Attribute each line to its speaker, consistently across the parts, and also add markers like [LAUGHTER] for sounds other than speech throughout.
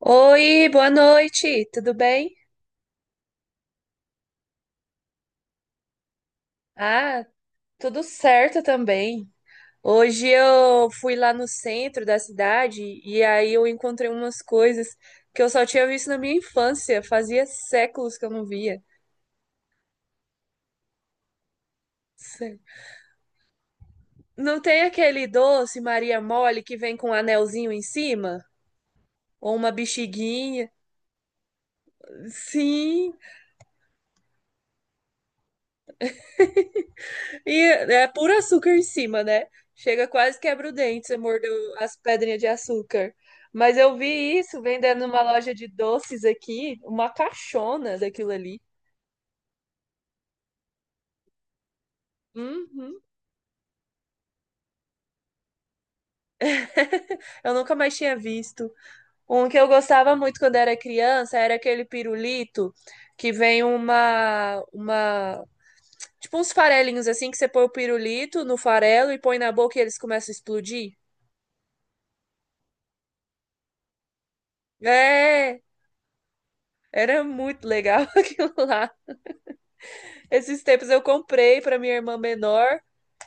Speaker 1: Oi, boa noite, tudo bem? Ah, tudo certo também. Hoje eu fui lá no centro da cidade e aí eu encontrei umas coisas que eu só tinha visto na minha infância, fazia séculos que eu não via. Sé- Não tem aquele doce Maria Mole que vem com um anelzinho em cima? Ou uma bexiguinha? Sim. E é puro açúcar em cima, né? Chega quase quebra o dente, você mordeu as pedrinhas de açúcar. Mas eu vi isso vendendo numa loja de doces aqui, uma caixona daquilo ali. Uhum. [LAUGHS] Eu nunca mais tinha visto. Um que eu gostava muito quando era criança era aquele pirulito que vem uma tipo uns farelinhos assim que você põe o pirulito no farelo e põe na boca e eles começam a explodir. É, era muito legal [LAUGHS] aquilo lá. Esses tempos eu comprei para minha irmã menor.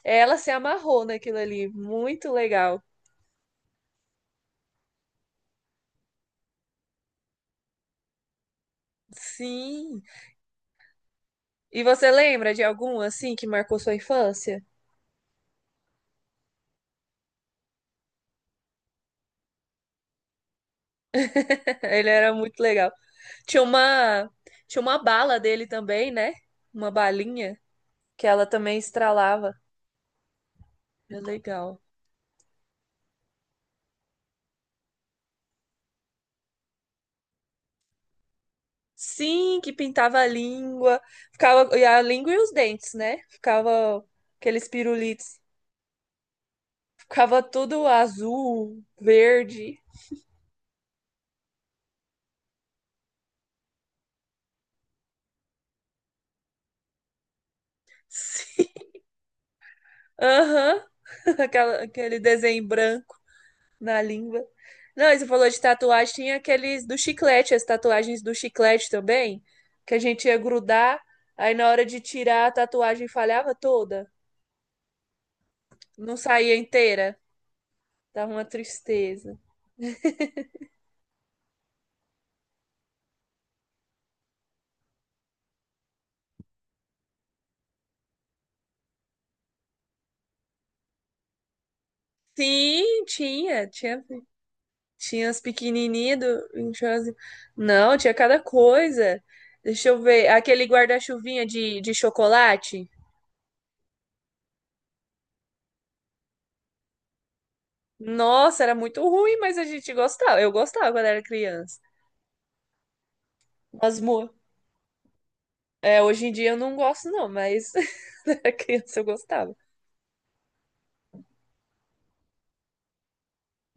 Speaker 1: Ela se amarrou naquilo ali. Muito legal. Sim. E você lembra de algum assim que marcou sua infância? [LAUGHS] Ele era muito legal. Tinha uma, tinha uma bala dele também, né? Uma balinha que ela também estralava. Era legal. Sim, que pintava a língua, ficava e a língua e os dentes, né? Ficava aqueles pirulitos, ficava tudo azul, verde. [LAUGHS] Sim. Aham. [LAUGHS] Aquele desenho em branco na língua. Não, e você falou de tatuagem, tinha aqueles do chiclete, as tatuagens do chiclete também, que a gente ia grudar, aí na hora de tirar a tatuagem falhava toda, não saía inteira, dava uma tristeza. Sim, tinha tinha as pequenininhas do... Não, tinha cada coisa. Deixa eu ver, aquele guarda-chuvinha de chocolate. Nossa, era muito ruim, mas a gente gostava. Eu gostava quando era criança. Mas mu- É, hoje em dia eu não gosto, não, mas [LAUGHS] quando era criança eu gostava.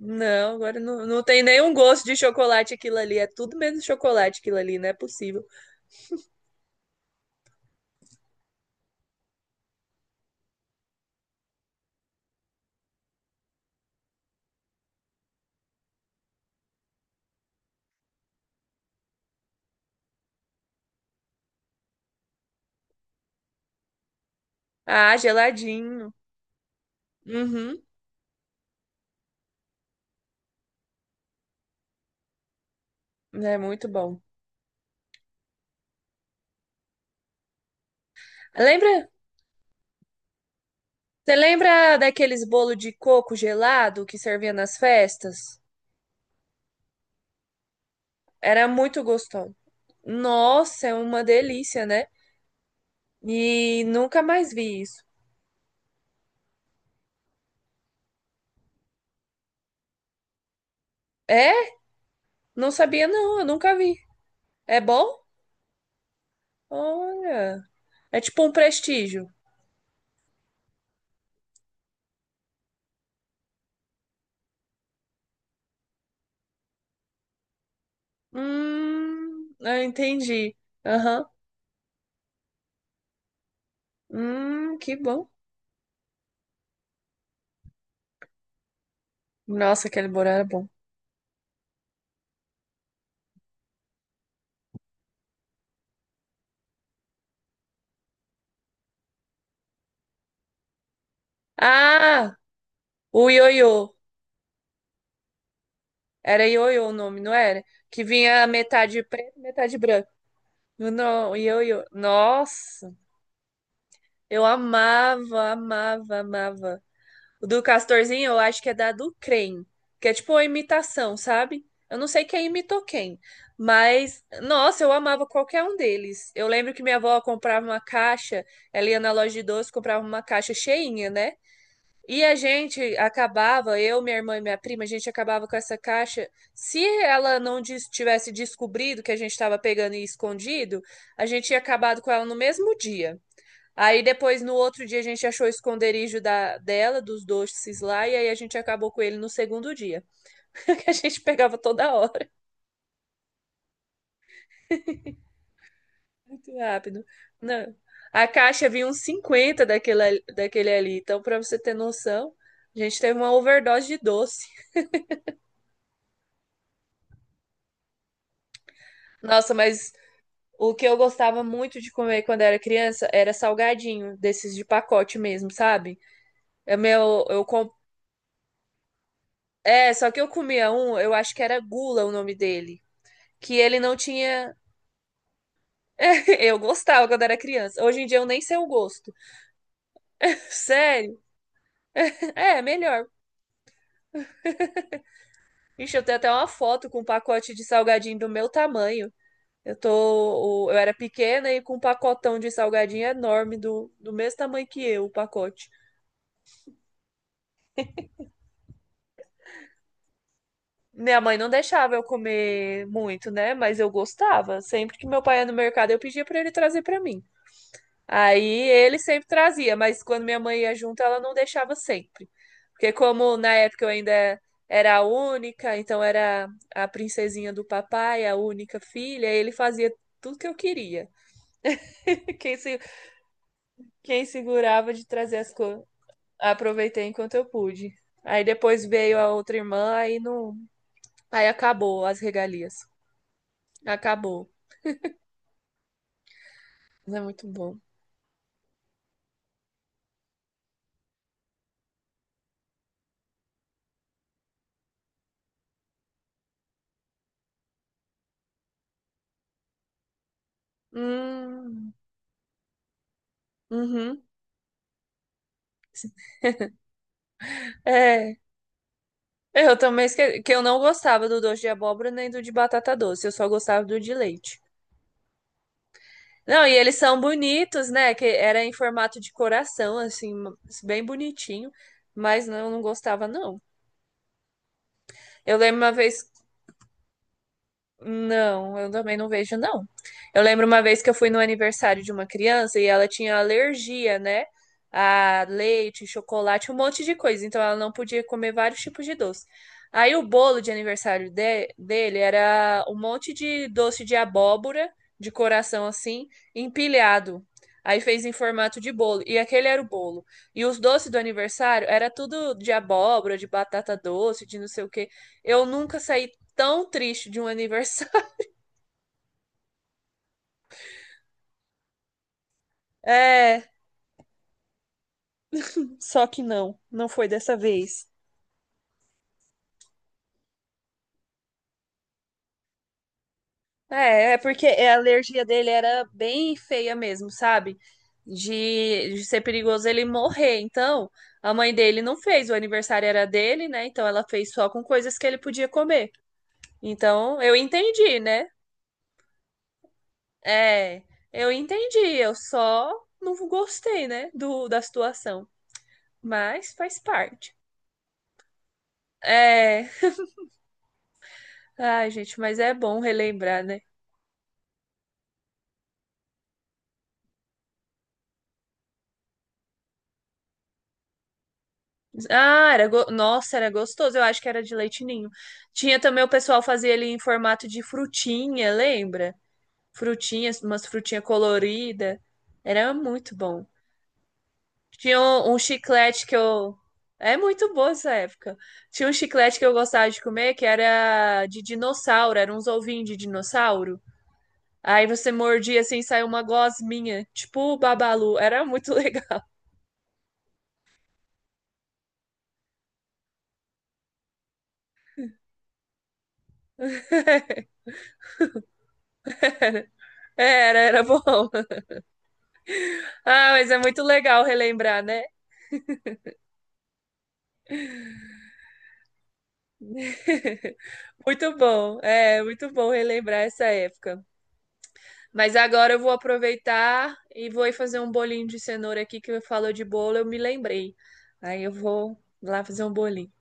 Speaker 1: Não, agora não, não tem nenhum gosto de chocolate aquilo ali. É tudo menos chocolate aquilo ali, não é possível. Ah, geladinho. Uhum, é muito bom. Lembra? Você lembra daqueles bolo de coco gelado que servia nas festas? Era muito gostoso. Nossa, é uma delícia, né? E nunca mais vi isso. É. Não sabia, não, eu nunca vi. É bom? Olha. É tipo um prestígio. Eu entendi. Aham. Que bom. Nossa, aquele Borá era bom. Ah, o ioiô. Era ioiô o nome, não era? Que vinha metade preto, metade branco. Não, ioiô. Nossa, eu amava, amava, amava. O do Castorzinho eu acho que é da do Crem, que é tipo uma imitação, sabe? Eu não sei quem imitou quem, mas nossa, eu amava qualquer um deles. Eu lembro que minha avó comprava uma caixa, ela ia na loja de doce, comprava uma caixa cheinha, né? E a gente acabava, eu, minha irmã e minha prima, a gente acabava com essa caixa. Se ela não tivesse descobrido que a gente estava pegando e escondido, a gente tinha acabado com ela no mesmo dia. Aí depois, no outro dia, a gente achou o esconderijo dela, dos doces lá, e aí a gente acabou com ele no segundo dia. [LAUGHS] Que a gente pegava toda hora. Muito rápido. Não. A caixa vinha uns 50 daquele ali. Então, pra você ter noção, a gente teve uma overdose de doce. Nossa, mas o que eu gostava muito de comer quando era criança era salgadinho, desses de pacote mesmo, sabe? É meu, eu com... É, só que eu comia um, eu acho que era Gula o nome dele. Que ele não tinha [LAUGHS] eu gostava quando era criança. Hoje em dia eu nem sei o gosto. Sério? É, melhor. Ixi, eu tenho até uma foto com um pacote de salgadinho do meu tamanho. Eu era pequena e com um pacotão de salgadinho enorme do mesmo tamanho que eu, o pacote. Minha mãe não deixava eu comer muito, né? Mas eu gostava. Sempre que meu pai ia no mercado, eu pedia pra ele trazer pra mim. Aí ele sempre trazia, mas quando minha mãe ia junto, ela não deixava sempre. Porque como na época eu ainda era a única, então era a princesinha do papai, a única filha, ele fazia tudo que eu queria. [LAUGHS] Quem, se, quem segurava de trazer as coisas, aproveitei enquanto eu pude. Aí depois veio a outra irmã, aí não, aí acabou as regalias. Acabou. Mas é muito bom. Hum, uhum. É. É, eu também que eu não gostava do doce de abóbora nem do de batata doce, eu só gostava do de leite. Não, e eles são bonitos, né? Que era em formato de coração, assim, bem bonitinho, mas não, eu não gostava, não. Eu lembro uma vez Não, eu também não vejo, não. Eu lembro uma vez que eu fui no aniversário de uma criança e ela tinha alergia, né? A leite, chocolate, um monte de coisa. Então ela não podia comer vários tipos de doce. Aí o bolo de aniversário dele era um monte de doce de abóbora, de coração assim, empilhado. Aí fez em formato de bolo. E aquele era o bolo. E os doces do aniversário era tudo de abóbora, de batata doce, de não sei o quê. Eu nunca saí tão triste de um aniversário. [LAUGHS] É, só que não, não foi dessa vez. É, é porque a alergia dele era bem feia mesmo, sabe? De ser perigoso ele morrer. Então, a mãe dele não fez, o aniversário era dele, né? Então ela fez só com coisas que ele podia comer. Então, eu entendi, né? É, eu entendi, eu só não gostei, né, da situação. Mas faz parte. É, ai, gente, mas é bom relembrar, né? Ah, nossa, era gostoso. Eu acho que era de leite ninho. Tinha também o pessoal fazia ele em formato de frutinha, lembra? Frutinhas, umas frutinhas coloridas. Era muito bom. Tinha um, um chiclete que eu. É muito boa essa época. Tinha um chiclete que eu gostava de comer que era de dinossauro, era uns ovinhos de dinossauro. Aí você mordia assim, e saiu uma gosminha, tipo o Babalu. Era muito legal. [LAUGHS] Era, era bom. Ah, mas é muito legal relembrar, né? Muito bom, é muito bom relembrar essa época. Mas agora eu vou aproveitar e vou ir fazer um bolinho de cenoura aqui que eu falou de bolo, eu me lembrei. Aí eu vou lá fazer um bolinho.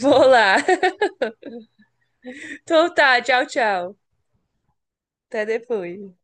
Speaker 1: Vou lá. [LAUGHS] Então tá, tchau, tchau. Até depois.